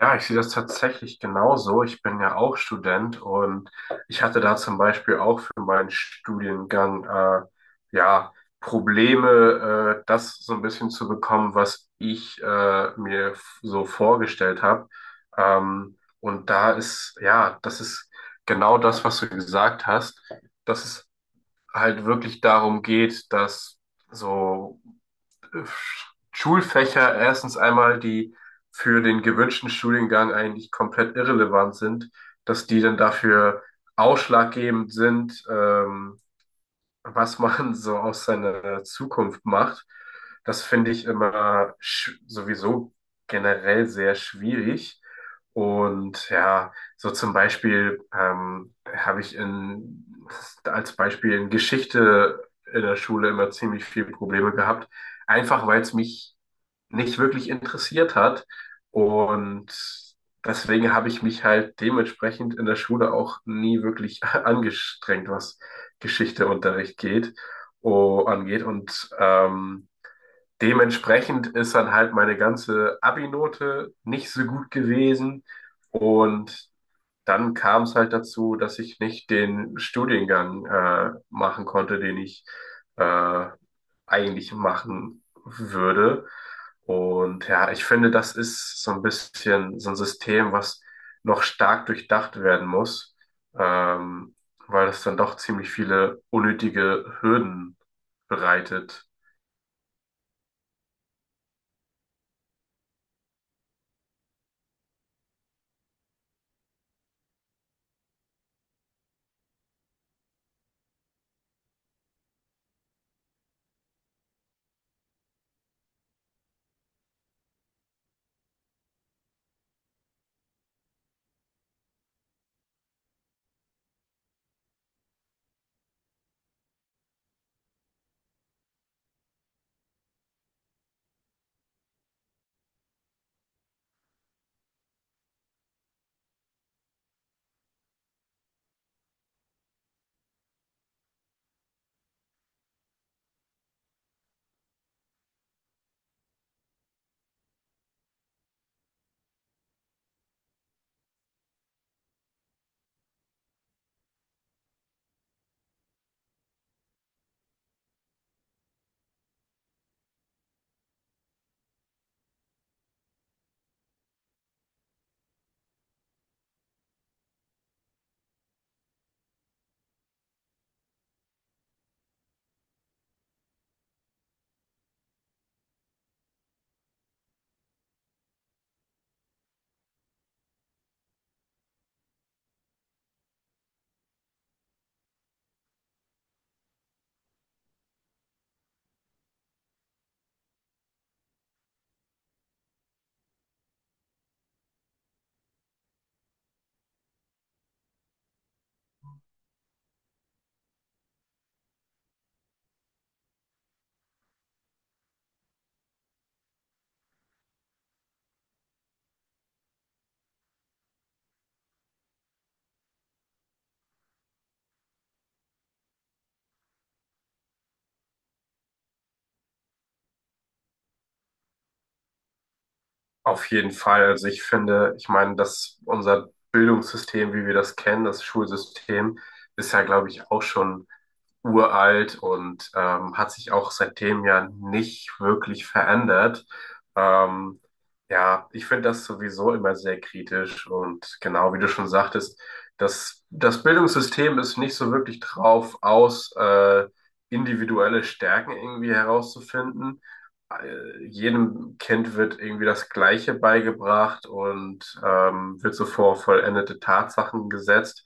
Ja, ich sehe das tatsächlich genauso. Ich bin ja auch Student und ich hatte da zum Beispiel auch für meinen Studiengang ja Probleme, das so ein bisschen zu bekommen, was ich so vorgestellt habe. Und da ist, ja, das ist genau das, was du gesagt hast, dass es halt wirklich darum geht, dass so äh, Schulfächer erstens einmal, die für den gewünschten Studiengang eigentlich komplett irrelevant sind, dass die dann dafür ausschlaggebend sind, was man so aus seiner Zukunft macht, das finde ich immer sowieso generell sehr schwierig. Und ja, so zum Beispiel habe ich als Beispiel in Geschichte in der Schule immer ziemlich viele Probleme gehabt, einfach weil es mich nicht wirklich interessiert hat. Und deswegen habe ich mich halt dementsprechend in der Schule auch nie wirklich angestrengt, was Geschichteunterricht geht, oh, angeht. Und dementsprechend ist dann halt meine ganze Abi-Note nicht so gut gewesen. Und dann kam es halt dazu, dass ich nicht den Studiengang machen konnte, den ich äh, eigentlich machen würde. Und ja, ich finde, das ist so ein bisschen so ein System, was noch stark durchdacht werden muss, ähm, weil es dann doch ziemlich viele unnötige Hürden bereitet. Auf jeden Fall. Also ich finde, ich meine, dass unser Bildungssystem, wie wir das kennen, das Schulsystem, ist ja, glaube ich, auch schon uralt und hat sich auch seitdem ja nicht wirklich verändert. Ähm, ja, ich finde das sowieso immer sehr kritisch und genau wie du schon sagtest, das Bildungssystem ist nicht so wirklich drauf aus, individuelle Stärken irgendwie herauszufinden. Jedem Kind wird irgendwie das Gleiche beigebracht und wird so vor vollendete Tatsachen gesetzt.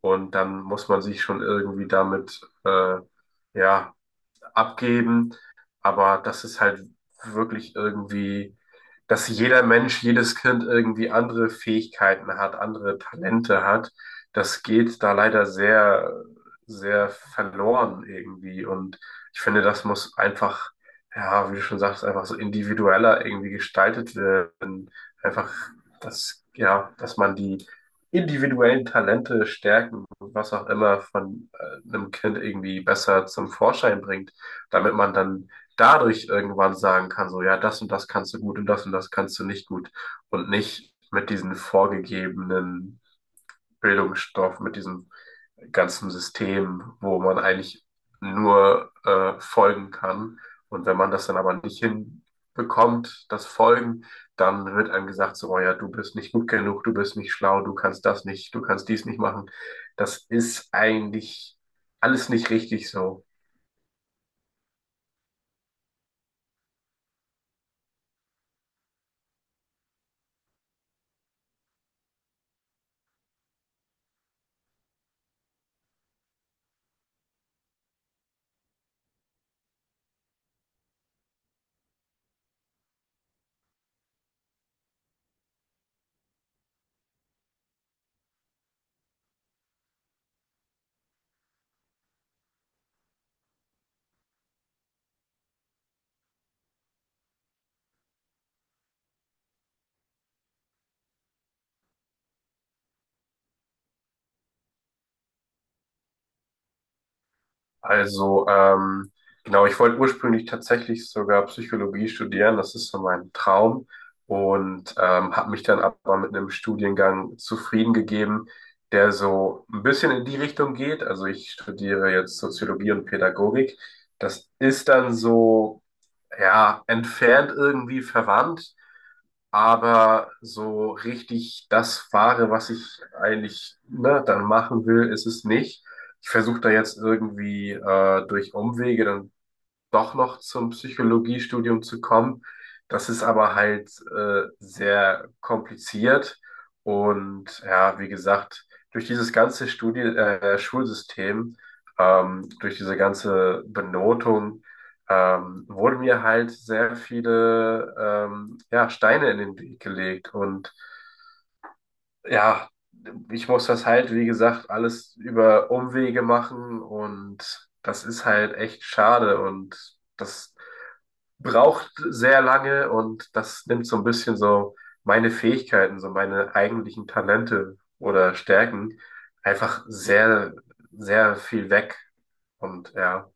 Und dann muss man sich schon irgendwie damit, ja, abgeben, aber das ist halt wirklich irgendwie, dass jeder Mensch, jedes Kind irgendwie andere Fähigkeiten hat, andere Talente hat. Das geht da leider sehr, sehr verloren irgendwie. Und ich finde, das muss einfach, ja, wie du schon sagst, einfach so individueller irgendwie gestaltet werden. Einfach, dass, ja, dass man die individuellen Talente stärken, was auch immer von einem Kind irgendwie besser zum Vorschein bringt, damit man dann dadurch irgendwann sagen kann, so, ja, das und das kannst du gut und das kannst du nicht gut und nicht mit diesen vorgegebenen Bildungsstoff, mit diesem ganzen System, wo man eigentlich nur folgen kann. Und wenn man das dann aber nicht hinbekommt, das Folgen, dann wird einem gesagt, so, oh ja, du bist nicht gut genug, du bist nicht schlau, du kannst das nicht, du kannst dies nicht machen. Das ist eigentlich alles nicht richtig so. Also, genau, ich wollte ursprünglich tatsächlich sogar Psychologie studieren, das ist so mein Traum und habe mich dann aber mit einem Studiengang zufrieden gegeben, der so ein bisschen in die Richtung geht. Also ich studiere jetzt Soziologie und Pädagogik. Das ist dann so, ja, entfernt irgendwie verwandt, aber so richtig das fahre, was ich eigentlich ne, dann machen will, ist es nicht. Ich versuche da jetzt irgendwie durch Umwege dann doch noch zum Psychologiestudium zu kommen. Das ist aber halt sehr kompliziert und ja, wie gesagt, durch dieses ganze Studi Schulsystem, durch diese ganze Benotung, wurden mir halt sehr viele ja, Steine in den Weg gelegt und ja, ich muss das halt, wie gesagt, alles über Umwege machen und das ist halt echt schade und das braucht sehr lange und das nimmt so ein bisschen so meine Fähigkeiten, so meine eigentlichen Talente oder Stärken einfach sehr, sehr viel weg. Und ja.